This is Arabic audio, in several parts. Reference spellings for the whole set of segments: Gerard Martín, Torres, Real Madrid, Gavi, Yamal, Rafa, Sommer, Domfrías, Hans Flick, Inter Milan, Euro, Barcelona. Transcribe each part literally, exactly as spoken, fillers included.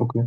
اوكي،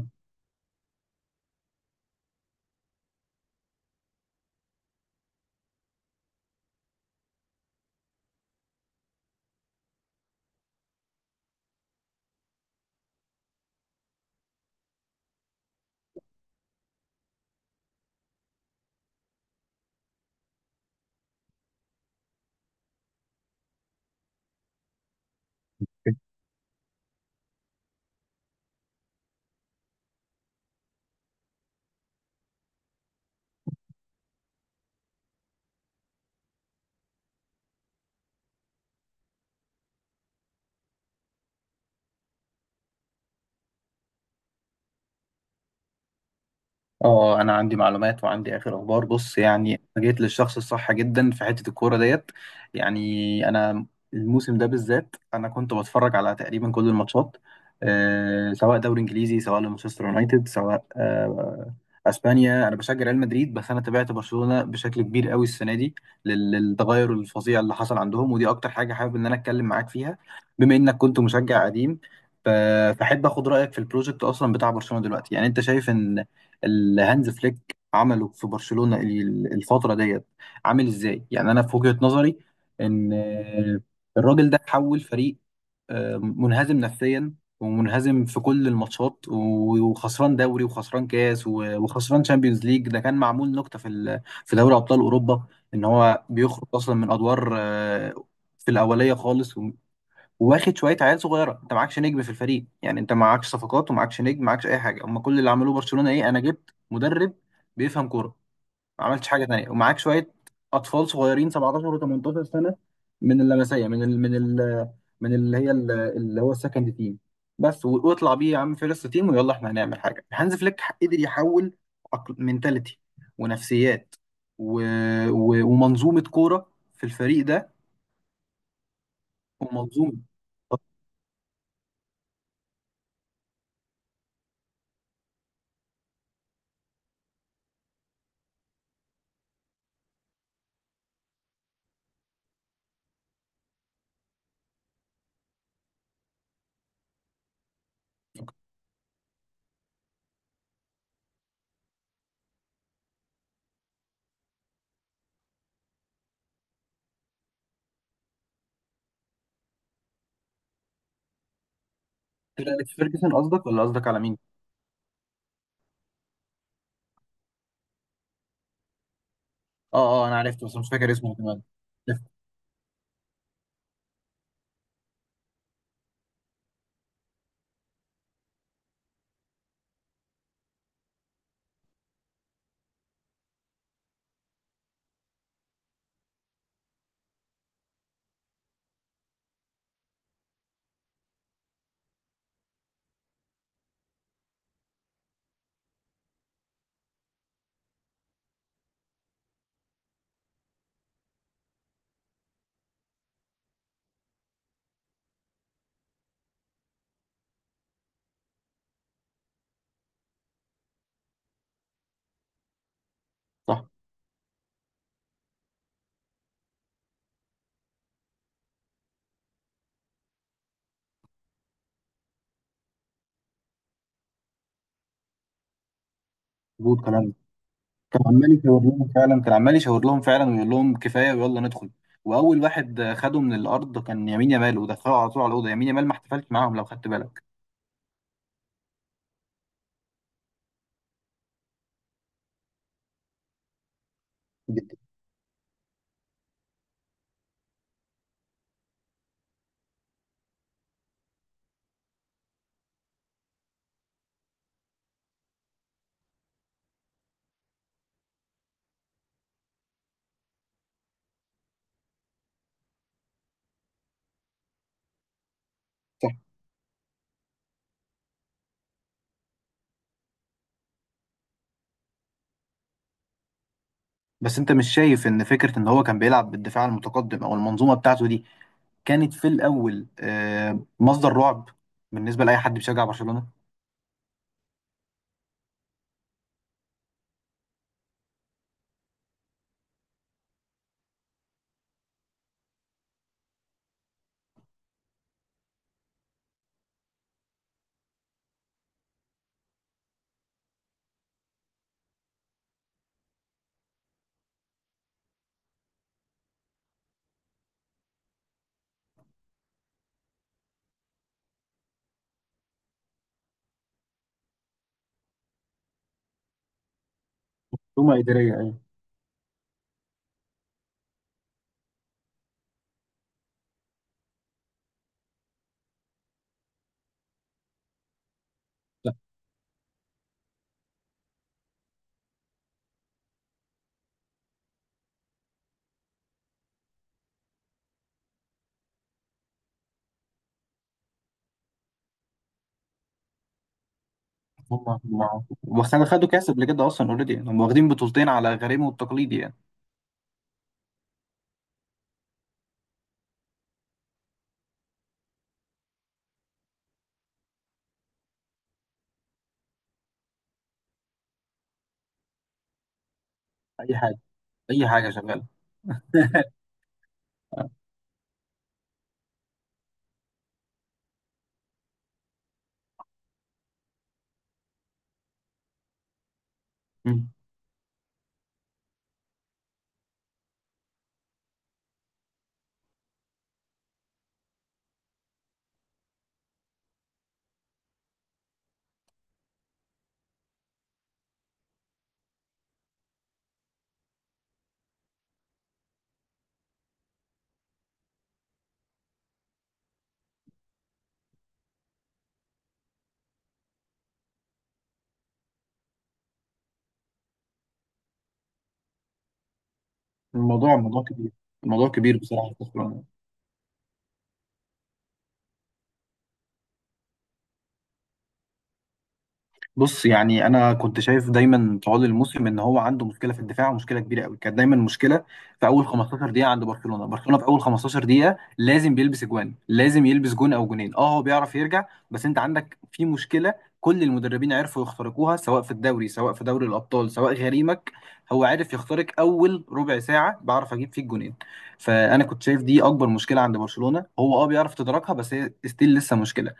اه، انا عندي معلومات وعندي اخر اخبار. بص، يعني أنا جيت للشخص الصح جدا في حته الكوره ديت. يعني انا الموسم ده بالذات انا كنت بتفرج على تقريبا كل الماتشات، أه سواء دوري انجليزي، سواء لمانشستر يونايتد، سواء أه اسبانيا. انا بشجع ريال مدريد، بس انا تابعت برشلونه بشكل كبير قوي السنه دي لل- للتغير الفظيع اللي حصل عندهم، ودي اكتر حاجه حابب ان انا اتكلم معاك فيها، بما انك كنت مشجع قديم. ف- فاحب اخد رايك في البروجكت اصلا بتاع برشلونه دلوقتي. يعني انت شايف ان اللي هانز فليك عمله في برشلونة ال- الفترة ديت عامل ازاي؟ يعني انا في وجهة نظري ان آه، الراجل ده حول فريق آه، منهزم نفسيا، ومنهزم في كل الماتشات، و- وخسران دوري، وخسران كاس، و- وخسران شامبيونز ليج، ده كان معمول نكتة في ال- في دوري ابطال اوروبا ان هو بيخرج اصلا من ادوار، آه، في الاوليه خالص، واخد شويه عيال صغيره. انت معكش نجم في الفريق، يعني انت معكش صفقات ومعكش نجم، معكش اي حاجه. هم كل اللي عملوه برشلونه ايه؟ انا جبت مدرب بيفهم كوره، ما عملتش حاجه تانية، ومعاك شويه اطفال صغيرين، سبعة عشر و18 سنه، من اللمسيه من ال من ال من اللي هي ال- اللي هو السكند تيم بس، و- واطلع بيه يا عم فيرست تيم، ويلا احنا هنعمل حاجه. هانز فليك قدر يحول منتاليتي ونفسيات و... و... ومنظومه كوره في الفريق ده. ومنظومه سير أليكس فيرجسون قصدك ولا قصدك على مين؟ اه، اه، انا عرفته بس مش فاكر اسمه كمان. عرفت، صح، مظبوط كلامك. كان عمال يشاور لهم فعلا، كان عمال يشاور لهم فعلا، ويقول لهم كفايه، ويلا ندخل. واول واحد آه، خده من الارض كان يمين يامال، ودخله على طول على الاوضه. يمين يامال ما احتفلش معاهم، لو خدت بالك. جدا. صح. بس انت مش شايف ان فكره ان هو كان بيلعب بالدفاع المتقدم، او المنظومه بتاعته دي، كانت في الاول آه، مصدر رعب بالنسبه لاي حد بيشجع برشلونه؟ هجوم إدارية، أيوة. هم، هم. وخدوا خدوا كاس قبل كده اصلا اوريدي، يعني هم واخدين بطولتين على غريمه والتقليدي يعني. اي حاجه، اي حاجه شغاله. مم. الموضوع الموضوع كبير الموضوع كبير بصراحه. بص، يعني انا كنت شايف دايما طوال الموسم ان هو عنده مشكله في الدفاع، ومشكله كبيره قوي. كانت دايما مشكله في اول خمستاشر دقيقه عند برشلونه، برشلونه في اول خمستاشر دقيقه لازم بيلبس اجوان، لازم يلبس جون او جونين. اه، هو بيعرف يرجع، بس انت عندك في مشكله. كل المدربين عرفوا يخترقوها، سواء في الدوري، سواء في دوري الابطال، سواء غريمك. هو عارف يخترق اول ربع ساعه، بعرف اجيب فيه الجونين. فانا كنت شايف دي اكبر مشكله عند برشلونه، هو اه بيعرف تدركها، بس هي ستيل لسه مشكله.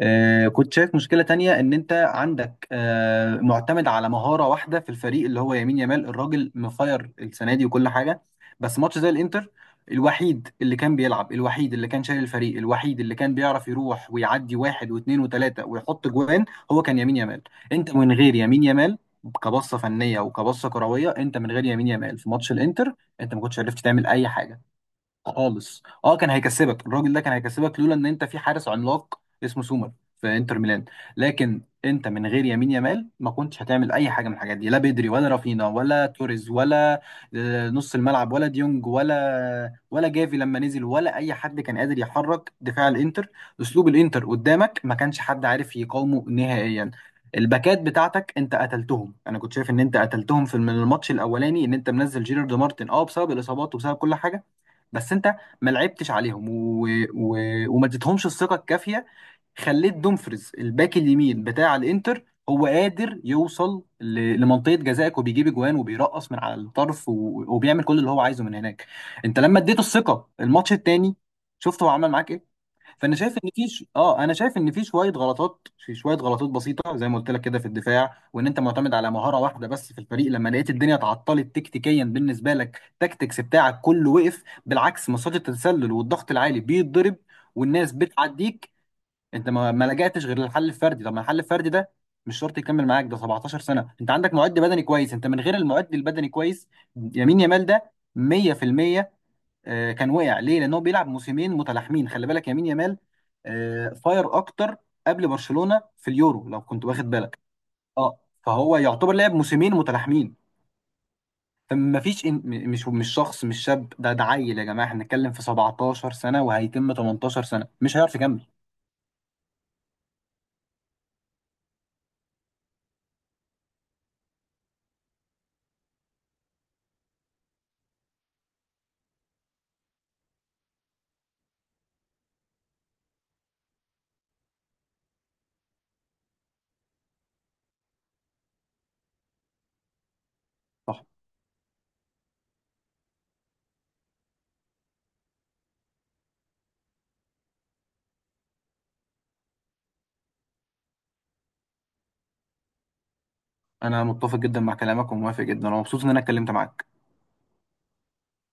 آه، كنت شايف مشكلة تانية، ان انت عندك آه، معتمد على مهارة واحدة في الفريق، اللي هو يمين يامال. الراجل مفاير السنة دي وكل حاجة، بس ماتش زي الانتر، الوحيد اللي كان بيلعب، الوحيد اللي كان شايل الفريق، الوحيد اللي كان بيعرف يروح ويعدي واحد واثنين وثلاثة ويحط جوان، هو كان يمين يامال. انت من غير يمين يامال، كبصة فنية وكبصة كروية، انت من غير يمين يامال في ماتش الانتر، انت ما كنتش عرفت تعمل اي حاجة خالص. اه، كان هيكسبك الراجل ده، كان هيكسبك، لولا ان انت في حارس عملاق اسمه سومر في انتر ميلان. لكن انت من غير يمين يامال ما كنتش هتعمل اي حاجه من الحاجات دي، لا بدري، ولا رافينا، ولا توريز، ولا آه، نص الملعب، ولا ديونج، ولا ولا جافي لما نزل، ولا اي حد كان قادر يحرك دفاع الانتر. اسلوب الانتر قدامك ما كانش حد عارف يقاومه نهائيا. الباكات بتاعتك انت قتلتهم. انا كنت شايف ان انت قتلتهم في الم- الماتش الاولاني، ان انت منزل جيرارد مارتن اه بسبب الاصابات وبسبب كل حاجه، بس انت ما لعبتش عليهم و... و... وما اديتهمش الثقه الكافيه. خليت دومفريز، الباك اليمين بتاع الانتر، هو قادر يوصل ل... لمنطقه جزائك، وبيجيب اجوان، وبيرقص من على الطرف، و... وبيعمل كل اللي هو عايزه من هناك. انت لما اديته الثقه الماتش التاني، شفت هو عمل معاك ايه. فانا شايف ان في ش... اه انا شايف ان في شويه غلطات، في شويه غلطات بسيطه زي ما قلت لك كده في الدفاع، وان انت معتمد على مهاره واحده بس في الفريق. لما لقيت الدنيا اتعطلت تكتيكيا بالنسبه لك، التكتكس بتاعك كله وقف. بالعكس، مصيدة التسلل والضغط العالي بيتضرب، والناس بتعديك. انت ما, ما لجأتش غير للحل الفردي. طب ما الحل الفردي ده مش شرط يكمل معاك، ده سبعتاشر سنه. انت عندك معد بدني كويس؟ انت من غير المعد البدني كويس، يمين يامال ده مية في المية. آه، كان وقع ليه؟ لأن هو بيلعب موسمين متلاحمين. خلي بالك، يمين يامال آه، فاير أكتر قبل برشلونة في اليورو، لو كنت واخد بالك. اه، فهو يعتبر لعب موسمين متلاحمين. فما فيش إن... م- مش مش شخص، مش شاب، ده ده عيل، يا جماعة. احنا بنتكلم في سبعتاشر سنة وهيتم تمنتاشر سنة، مش هيعرف يكمل. صح. أنا متفق جدا مع كلامك، وموافق جدا، ومبسوط إن أنا اتكلمت معاك.